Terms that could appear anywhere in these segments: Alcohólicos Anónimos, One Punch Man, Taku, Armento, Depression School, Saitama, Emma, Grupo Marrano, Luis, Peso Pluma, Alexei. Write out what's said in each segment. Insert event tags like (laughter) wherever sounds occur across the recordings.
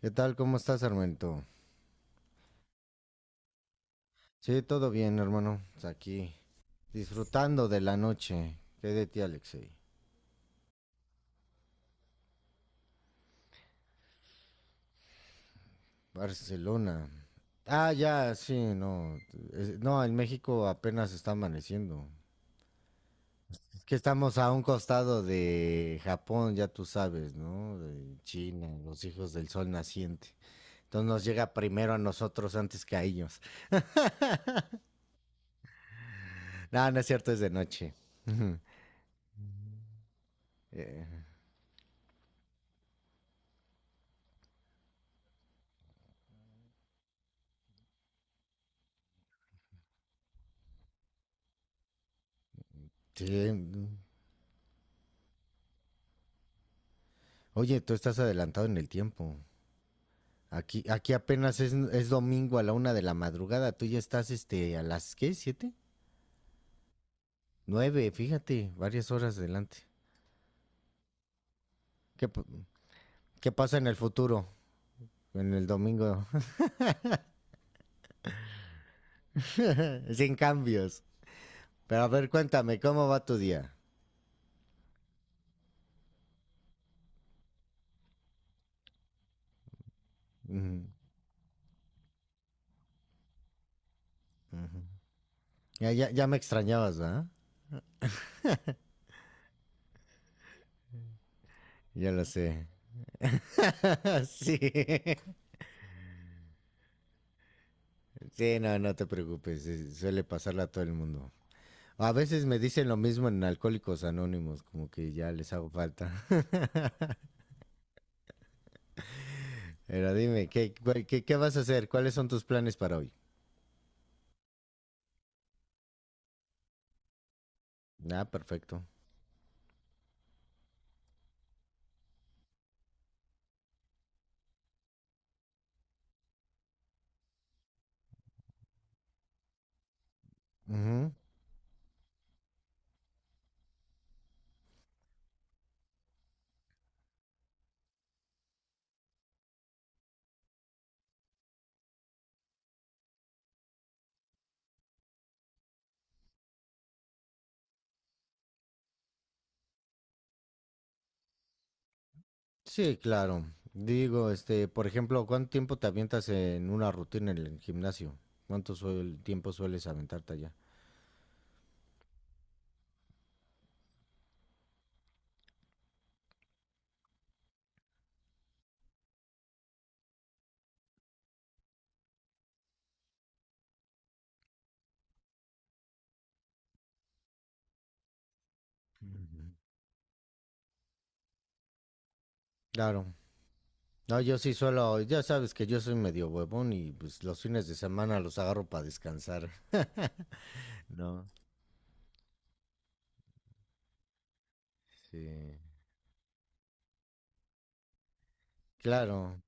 ¿Qué tal? ¿Cómo estás, Armento? Sí, todo bien, hermano. Aquí, disfrutando de la noche. ¿Qué de ti, Alexei? Barcelona. Ah, ya, sí, no. No, en México apenas está amaneciendo. Es que estamos a un costado de Japón, ya tú sabes, ¿no? De China, los hijos del sol naciente. Entonces nos llega primero a nosotros antes que a ellos. (laughs) No, no es cierto, es de noche. Eh, sí. Oye, tú estás adelantado en el tiempo. Aquí apenas es domingo a la una de la madrugada. Tú ya estás a las, ¿qué? ¿Siete? Nueve, fíjate, varias horas adelante. ¿Qué, qué pasa en el futuro? En el domingo. (laughs) Sin cambios. Pero a ver, cuéntame, ¿cómo va tu día? Ujú. Ya, ya, ya me extrañabas, ¿verdad? Ya lo sé. (laughs) Sí. Sí, no, no te preocupes. Suele pasarle a todo el mundo. A veces me dicen lo mismo en Alcohólicos Anónimos, como que ya les hago falta. Pero dime, ¿qué vas a hacer? ¿Cuáles son tus planes para hoy? Ah, perfecto. Ujú. Sí, claro. Digo, por ejemplo, ¿cuánto tiempo te avientas en una rutina en el gimnasio? ¿Cuánto tiempo sueles aventarte allá? Ujú. Claro. No, yo sí suelo, ya sabes que yo soy medio huevón y pues los fines de semana los agarro para descansar. (laughs) No, sí. Claro.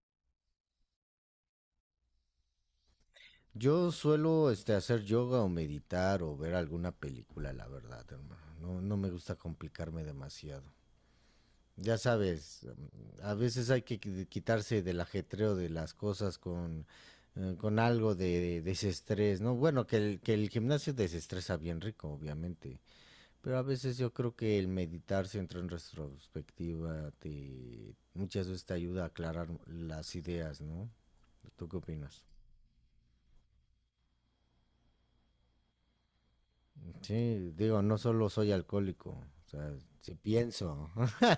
Yo suelo hacer yoga o meditar o ver alguna película, la verdad, hermano. No, no me gusta complicarme demasiado. Ya sabes, a veces hay que quitarse del ajetreo de las cosas con algo de desestrés, ¿no? Bueno, que el gimnasio desestresa bien rico, obviamente. Pero a veces yo creo que el meditar, si entra en retrospectiva, muchas veces te ayuda a aclarar las ideas, ¿no? ¿Tú qué opinas? Sí, digo, no solo soy alcohólico, o sea, si pienso. (laughs) O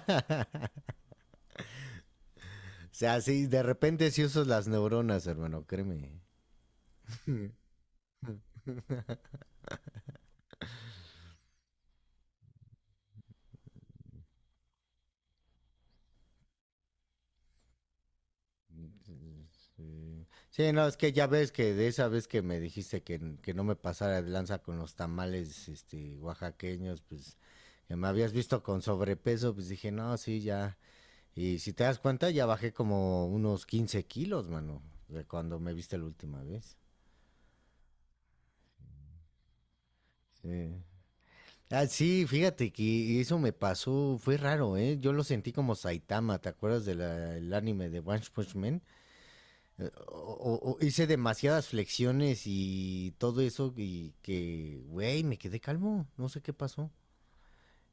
sea, sí, de repente sí uso las neuronas, hermano, créeme. Sí. Sí, no, es que ya ves que de esa vez que me dijiste que no me pasara de lanza con los tamales oaxaqueños, pues que me habías visto con sobrepeso, pues dije, no, sí, ya. Y si te das cuenta, ya bajé como unos 15 kilos, mano, de cuando me viste la última vez. Sí. Ah, sí, fíjate que eso me pasó, fue raro, ¿eh? Yo lo sentí como Saitama, ¿te acuerdas del anime de One Punch Man? O hice demasiadas flexiones y todo eso y que, güey, me quedé calmo, no sé qué pasó.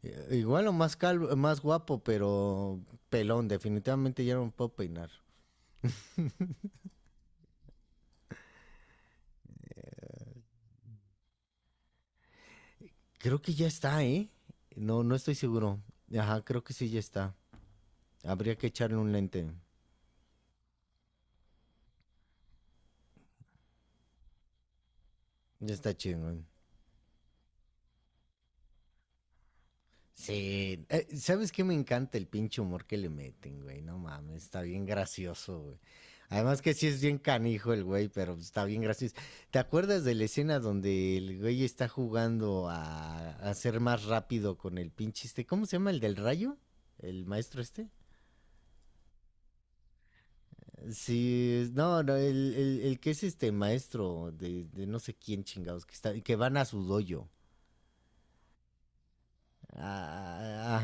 Igual o más calvo, más guapo, pero pelón, definitivamente ya no me puedo peinar. Creo que ya está, ¿eh? No, no estoy seguro. Ajá, creo que sí ya está. Habría que echarle un lente. Ya está chido. Sí, ¿sabes qué? Me encanta el pinche humor que le meten, güey. No mames, está bien gracioso, güey. Además que sí es bien canijo el güey, pero está bien gracioso. ¿Te acuerdas de la escena donde el güey está jugando a ser más rápido con el pinche este? ¿Cómo se llama? ¿El del rayo? ¿El maestro este? Sí, no, no, el que es este maestro de no sé quién chingados, que van a su dojo. Ah,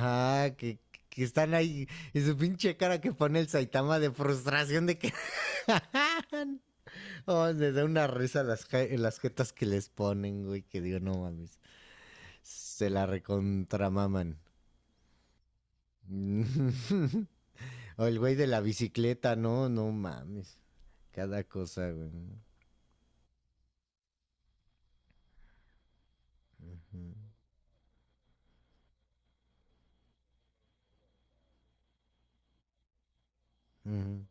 ajá, que están ahí. Y su pinche cara que pone el Saitama de frustración de que. (laughs) Oh, me da una risa las jetas que les ponen, güey. Que digo, no mames. Se la recontramaman. (laughs) O el güey de la bicicleta, no, no mames. Cada cosa, güey. Ujú, ujú.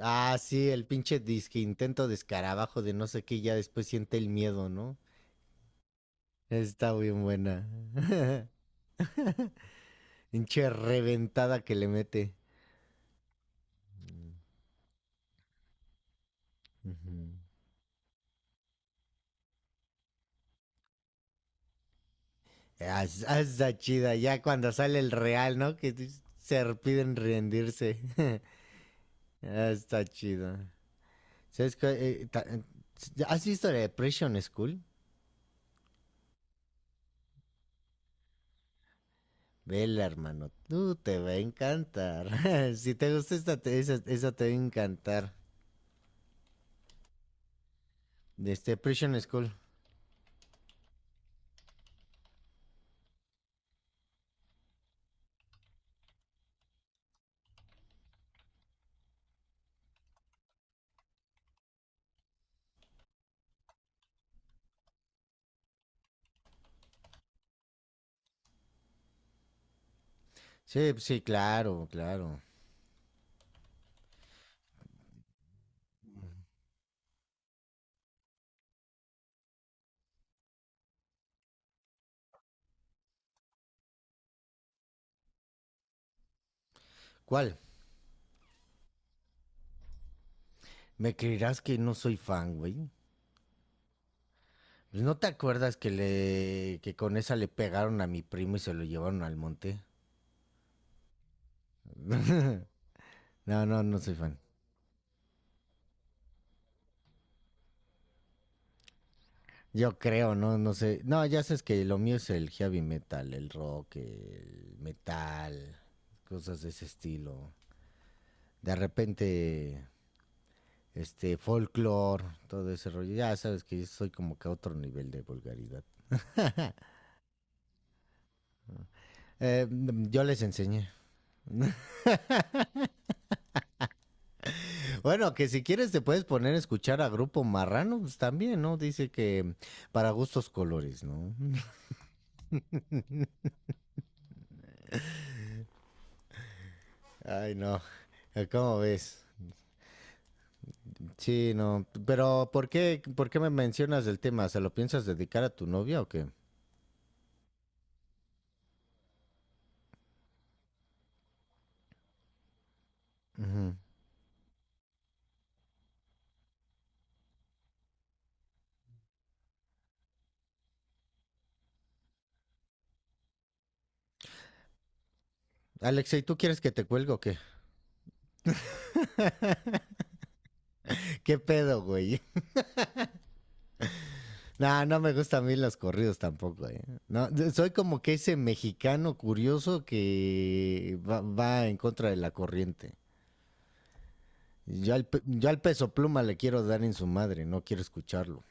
Ah, sí, el pinche disque intento de escarabajo de no sé qué, ya después siente el miedo, ¿no? Está bien buena. (laughs) Hinche reventada que le mete. Uh-huh. Está chida. Ya cuando sale el real, ¿no? Que se piden rendirse. (laughs) Está chido. ¿Sabes qué? Eh, ¿Has visto la Depression School? Vela, hermano. Tú te va a encantar. (laughs) Si te gusta esta, esa te va a encantar. De este Depression School. Sí, sí, claro, claro. ¿Cuál? ¿Me creerás que no soy fan, güey? Pues, ¿no te acuerdas que le que con esa le pegaron a mi primo y se lo llevaron al monte? No, no, no soy fan. Yo creo, no, no sé. No, ya sabes que lo mío es el heavy metal, el rock, el metal, cosas de ese estilo. De repente, folklore, todo ese rollo. Ya sabes que yo soy como que a otro nivel de vulgaridad. Eh, yo les enseñé. Bueno, que si quieres te puedes poner a escuchar a Grupo Marrano, pues también, ¿no? Dice que para gustos colores, ¿no? Ay, no. ¿Cómo ves? Sí, no. Pero, ¿por qué me mencionas el tema? ¿Se lo piensas dedicar a tu novia o qué? Ujú. Alexa, ¿y tú quieres que te cuelgue o qué? (laughs) ¿Qué pedo, güey? (laughs) No, no me gustan a mí los corridos tampoco, ¿eh? No, soy como que ese mexicano curioso que va en contra de la corriente. Yo al peso pluma le quiero dar en su madre, no quiero escucharlo.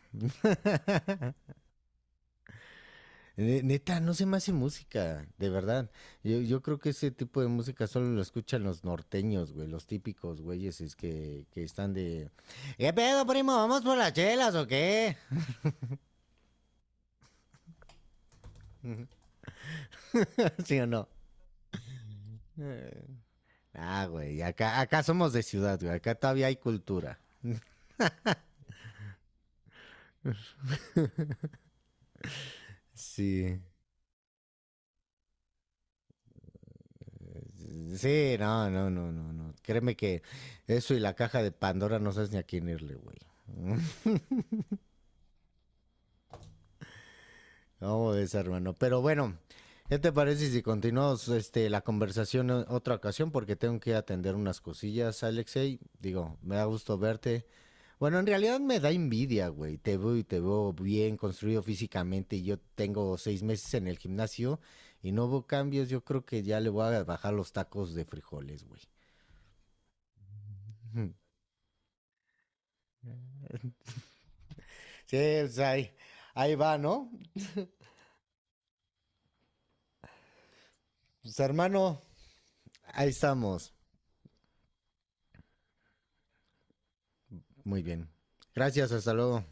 Neta, no se me hace música, de verdad. Yo creo que ese tipo de música solo lo escuchan los norteños, güey, los típicos güeyes es que están de... ¿Qué pedo, primo? ¿Vamos por las chelas o qué? (laughs) ¿Sí o no? Eh, güey, acá somos de ciudad, güey, acá todavía hay cultura. Sí. Sí, no, no, no, no, no. Créeme que eso y la caja de Pandora no sabes ni a quién irle, güey. (laughs) No, es hermano. Pero bueno, ¿qué te parece si continuamos la conversación en otra ocasión? Porque tengo que atender unas cosillas, Alexei. Digo, me da gusto verte. Bueno, en realidad me da envidia, güey. Te veo y te veo bien construido físicamente, y yo tengo 6 meses en el gimnasio y no hubo cambios. Yo creo que ya le voy a bajar los tacos de frijoles, güey. (laughs) Sí, pues ahí va, ¿no? Pues hermano, ahí estamos. Muy bien. Gracias, hasta luego.